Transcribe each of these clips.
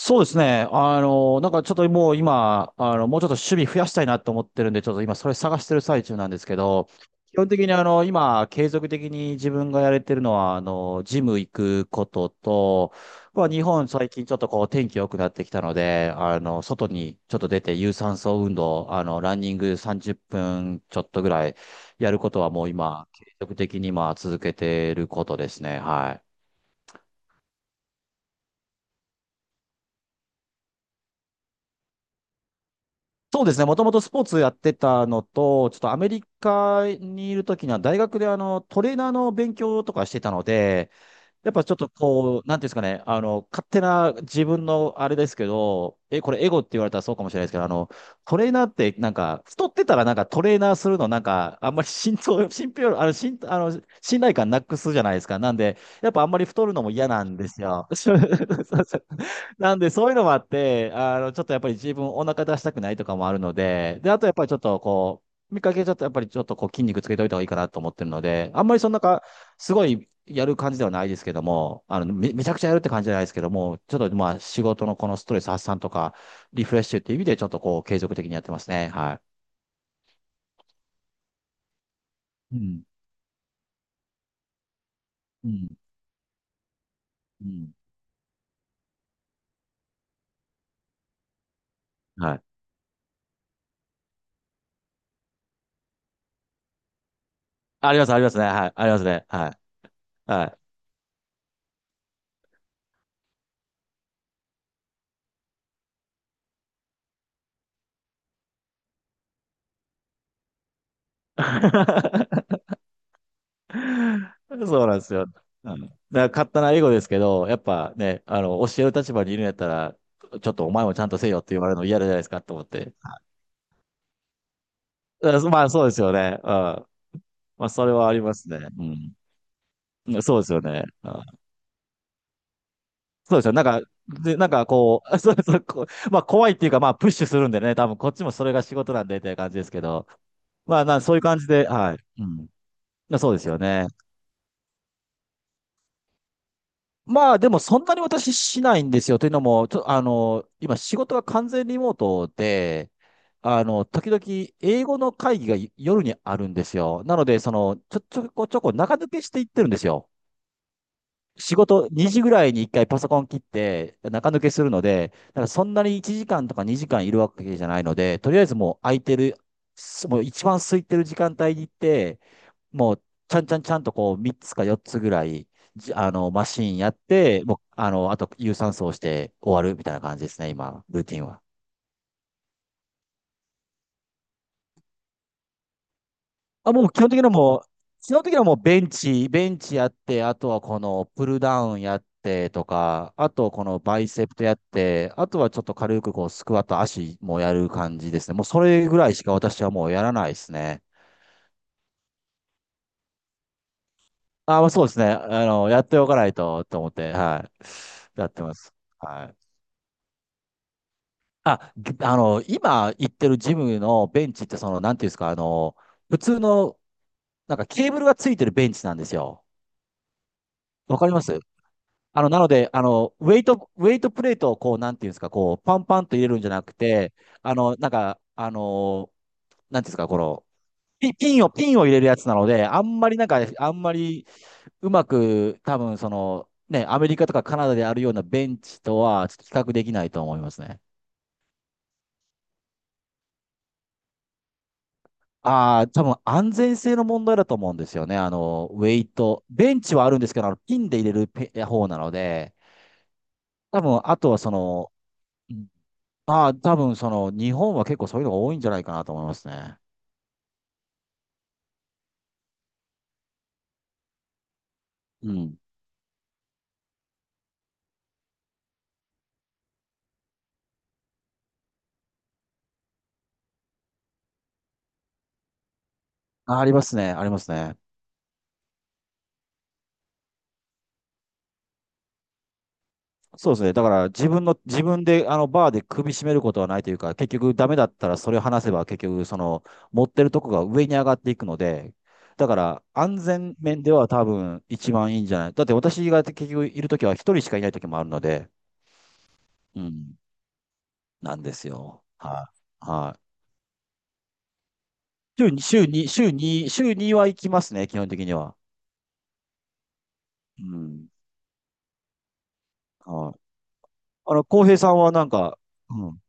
そうですね。ちょっともう今、もうちょっと守備増やしたいなと思ってるんで、ちょっと今それ探してる最中なんですけど、基本的に今、継続的に自分がやれてるのは、ジム行くことと、まあ、日本最近ちょっとこう天気良くなってきたので、外にちょっと出て有酸素運動、ランニング30分ちょっとぐらいやることはもう今、継続的にまあ続けてることですね。はい。そうですね。もともとスポーツやってたのと、ちょっとアメリカにいるときには大学でトレーナーの勉強とかしてたので、やっぱちょっとこう、なんていうんですかね、勝手な自分のあれですけど、これエゴって言われたらそうかもしれないですけど、トレーナーってなんか、太ってたらなんかトレーナーするのなんか、あんまり信頼、信憑、あの、信、あの、信頼感なくすじゃないですか。なんで、やっぱあんまり太るのも嫌なんですよ。なんで、そういうのもあって、ちょっとやっぱり自分お腹出したくないとかもあるので、で、あとやっぱりちょっとこう、見かけちょっとやっぱりちょっとこう筋肉つけといた方がいいかなと思ってるので、あんまりそんなか、すごいやる感じではないですけども、めちゃくちゃやるって感じじゃないですけども、ちょっとまあ仕事のこのストレス発散とか、リフレッシュっていう意味でちょっとこう継続的にやってますね。はい。うん。うん。うん。はい。ありますね。はい。ありますね。はい。はい。そうなんですよ。うん、だから勝手な英語ですけど、やっぱね、教える立場にいるんやったら、ちょっとお前もちゃんとせよって言われるの嫌じゃないですかと思って。だからまあそうですよね。うん。まあそれはありますね。うん。そうですよね。うん、そうですよ。で、なんかこう、そうそう、こうまあ怖いっていうか、まあプッシュするんでね、多分こっちもそれが仕事なんでっていう感じですけど、まあな、そういう感じで、はい。うん。そうですよね。まあでもそんなに私しないんですよ。というのも、ちょ、あの、今仕事が完全リモートで、時々英語の会議が夜にあるんですよ。なので、ちょこちょこ中抜けしていってるんですよ。仕事2時ぐらいに1回パソコン切って中抜けするので、だからそんなに1時間とか2時間いるわけじゃないので、とりあえずもう空いてる、すもう一番空いてる時間帯に行って、もうちゃんとこう3つか4つぐらい、じあの、マシンやって、もう、あの、あと有酸素をして終わるみたいな感じですね、今、ルーティンは。あ、もう基本的にはもう、基本的にはもうベンチやって、あとはこのプルダウンやってとか、あとこのバイセプトやって、あとはちょっと軽くこうスクワット、足もやる感じですね。もうそれぐらいしか私はもうやらないですね。あ、まあそうですね。やっておかないとと思って、はい。やってます。はい。あ、ぎあの、今行ってるジムのベンチって、その、なんていうんですか、あの、普通の、なんかケーブルがついてるベンチなんですよ。わかります。あの、なので、あの、ウェイト、ウェイトプレートをこう、なんていうんですか、こう、パンパンと入れるんじゃなくて、あの、なんか、あの、なんていうんですか、この、ピピンを、ピンを入れるやつなので、あんまりなんか、あんまりうまく、多分その、ね、アメリカとかカナダであるようなベンチとは、ちょっと比較できないと思いますね。ああ、多分安全性の問題だと思うんですよね。あの、ウェイト。ベンチはあるんですけど、あのピンで入れるペ方なので、多分、あとはその、ああ、多分その日本は結構そういうのが多いんじゃないかなと思いますね。うん。あ、ありますね。ありますね。そうですね。だから自分の、自分であのバーで首絞めることはないというか、結局ダメだったらそれを話せば結局その持ってるとこが上に上がっていくので、だから安全面では多分一番いいんじゃない。だって私が結局いるときは一人しかいないときもあるので、うん。なんですよ。はい。はい。週には行きますね、基本的には。うん。はい。浩平さんはなんか、うん。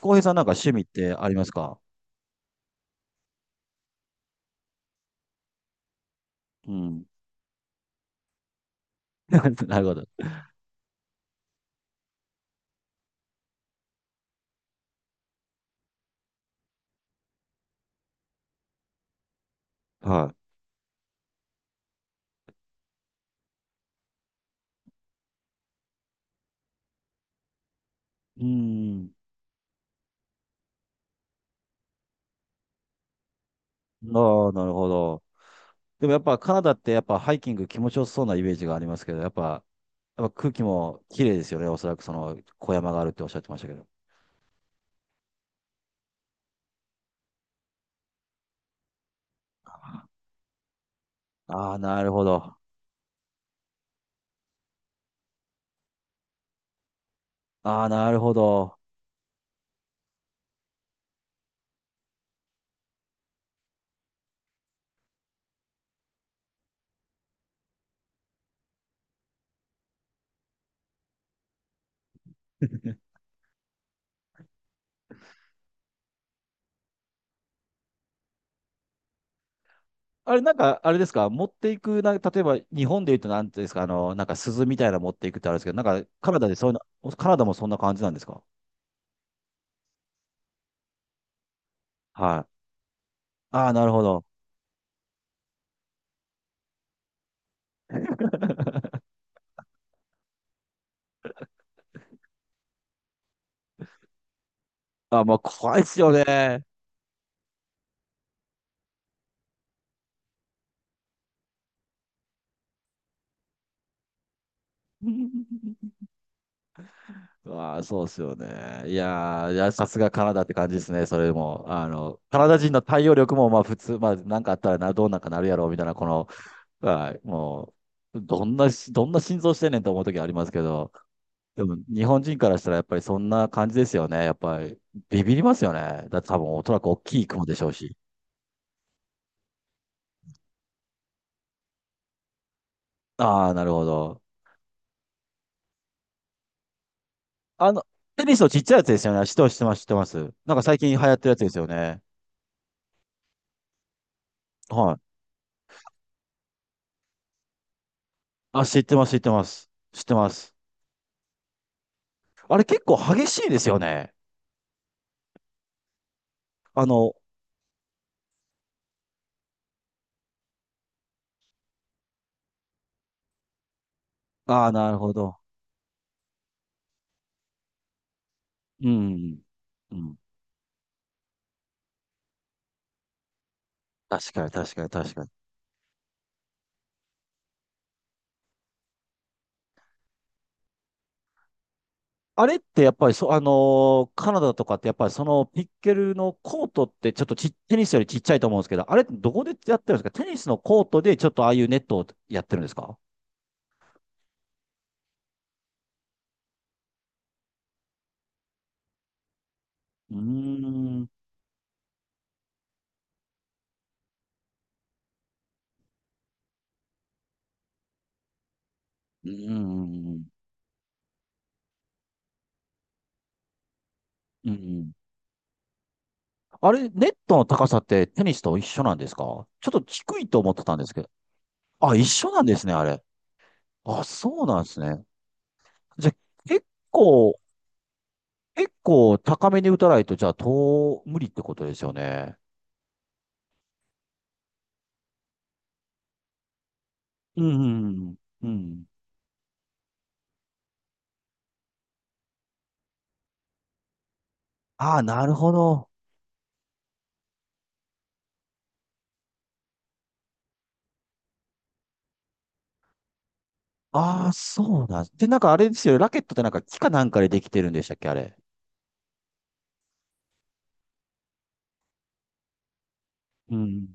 浩平さんなんか趣味ってありますか？うん。なるほど。はい。うん。ああ、なるほど。でもやっぱカナダってやっぱハイキング気持ちよさそうなイメージがありますけど、やっぱ空気も綺麗ですよね。おそらくその小山があるっておっしゃってましたけど。ああ、なるほど。ああ、なるほど。あれ、なんか、あれですか？持っていく、例えば日本で言うとなんていうんですか？あの、なんか鈴みたいなの持っていくってあるんですけど、なんかカナダでそういうの、カナダもそんな感じなんですか？はい。ああ、なるほど。あ、まあ、怖いっすよね。まあ、そうっすよね。いやー、いや、さすがカナダって感じですね、それも。あの、カナダ人の対応力も、まあ、普通、まあ、なんかあったらな、どうなんかなるやろ、みたいな、この、はい、もう、どんなし、どんな心臓してんねんと思う時ありますけど、でも、日本人からしたら、やっぱりそんな感じですよね。やっぱり、ビビりますよね。だって多分、おそらく大きい雲でしょうし。ああ、なるほど。あの、テニスのちっちゃいやつですよね。知ってます、知ってます、知ってます。なんか最近流行ってるやつですよね。はい。あ、知ってます、知ってます。知ってます。あれ結構激しいですよね。あの、ああ、なるほど。うん。うん。確かに、確かに、確かに。あれってやっぱりそ、あのーカナダとかってやっぱりそのピッケルのコートってちょっとち、テニスよりちっちゃいと思うんですけど、あれってどこでやってるんですか？テニスのコートでちょっとああいうネットをやってるんですか？うーん。うーん。うん。あれ、ネットの高さってテニスと一緒なんですか？ちょっと低いと思ってたんですけど。あ、一緒なんですね、あれ。あ、そうなんですね。じゃあ、結構、結構高めに打たないと、じゃあ、無理ってことですよね。うん、うん、うん。ああ、なるほど。ああ、そうなんで、なんかあれですよ。ラケットってなんか木かなんかでできてるんでしたっけ、あれ。うん。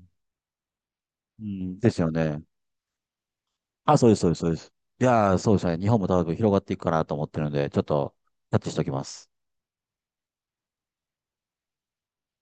うん。ですよね。あ、そうです、そうです、そうです。いやー、そうですね。日本も多分広がっていくかなと思ってるので、ちょっと、キャッチしておきます。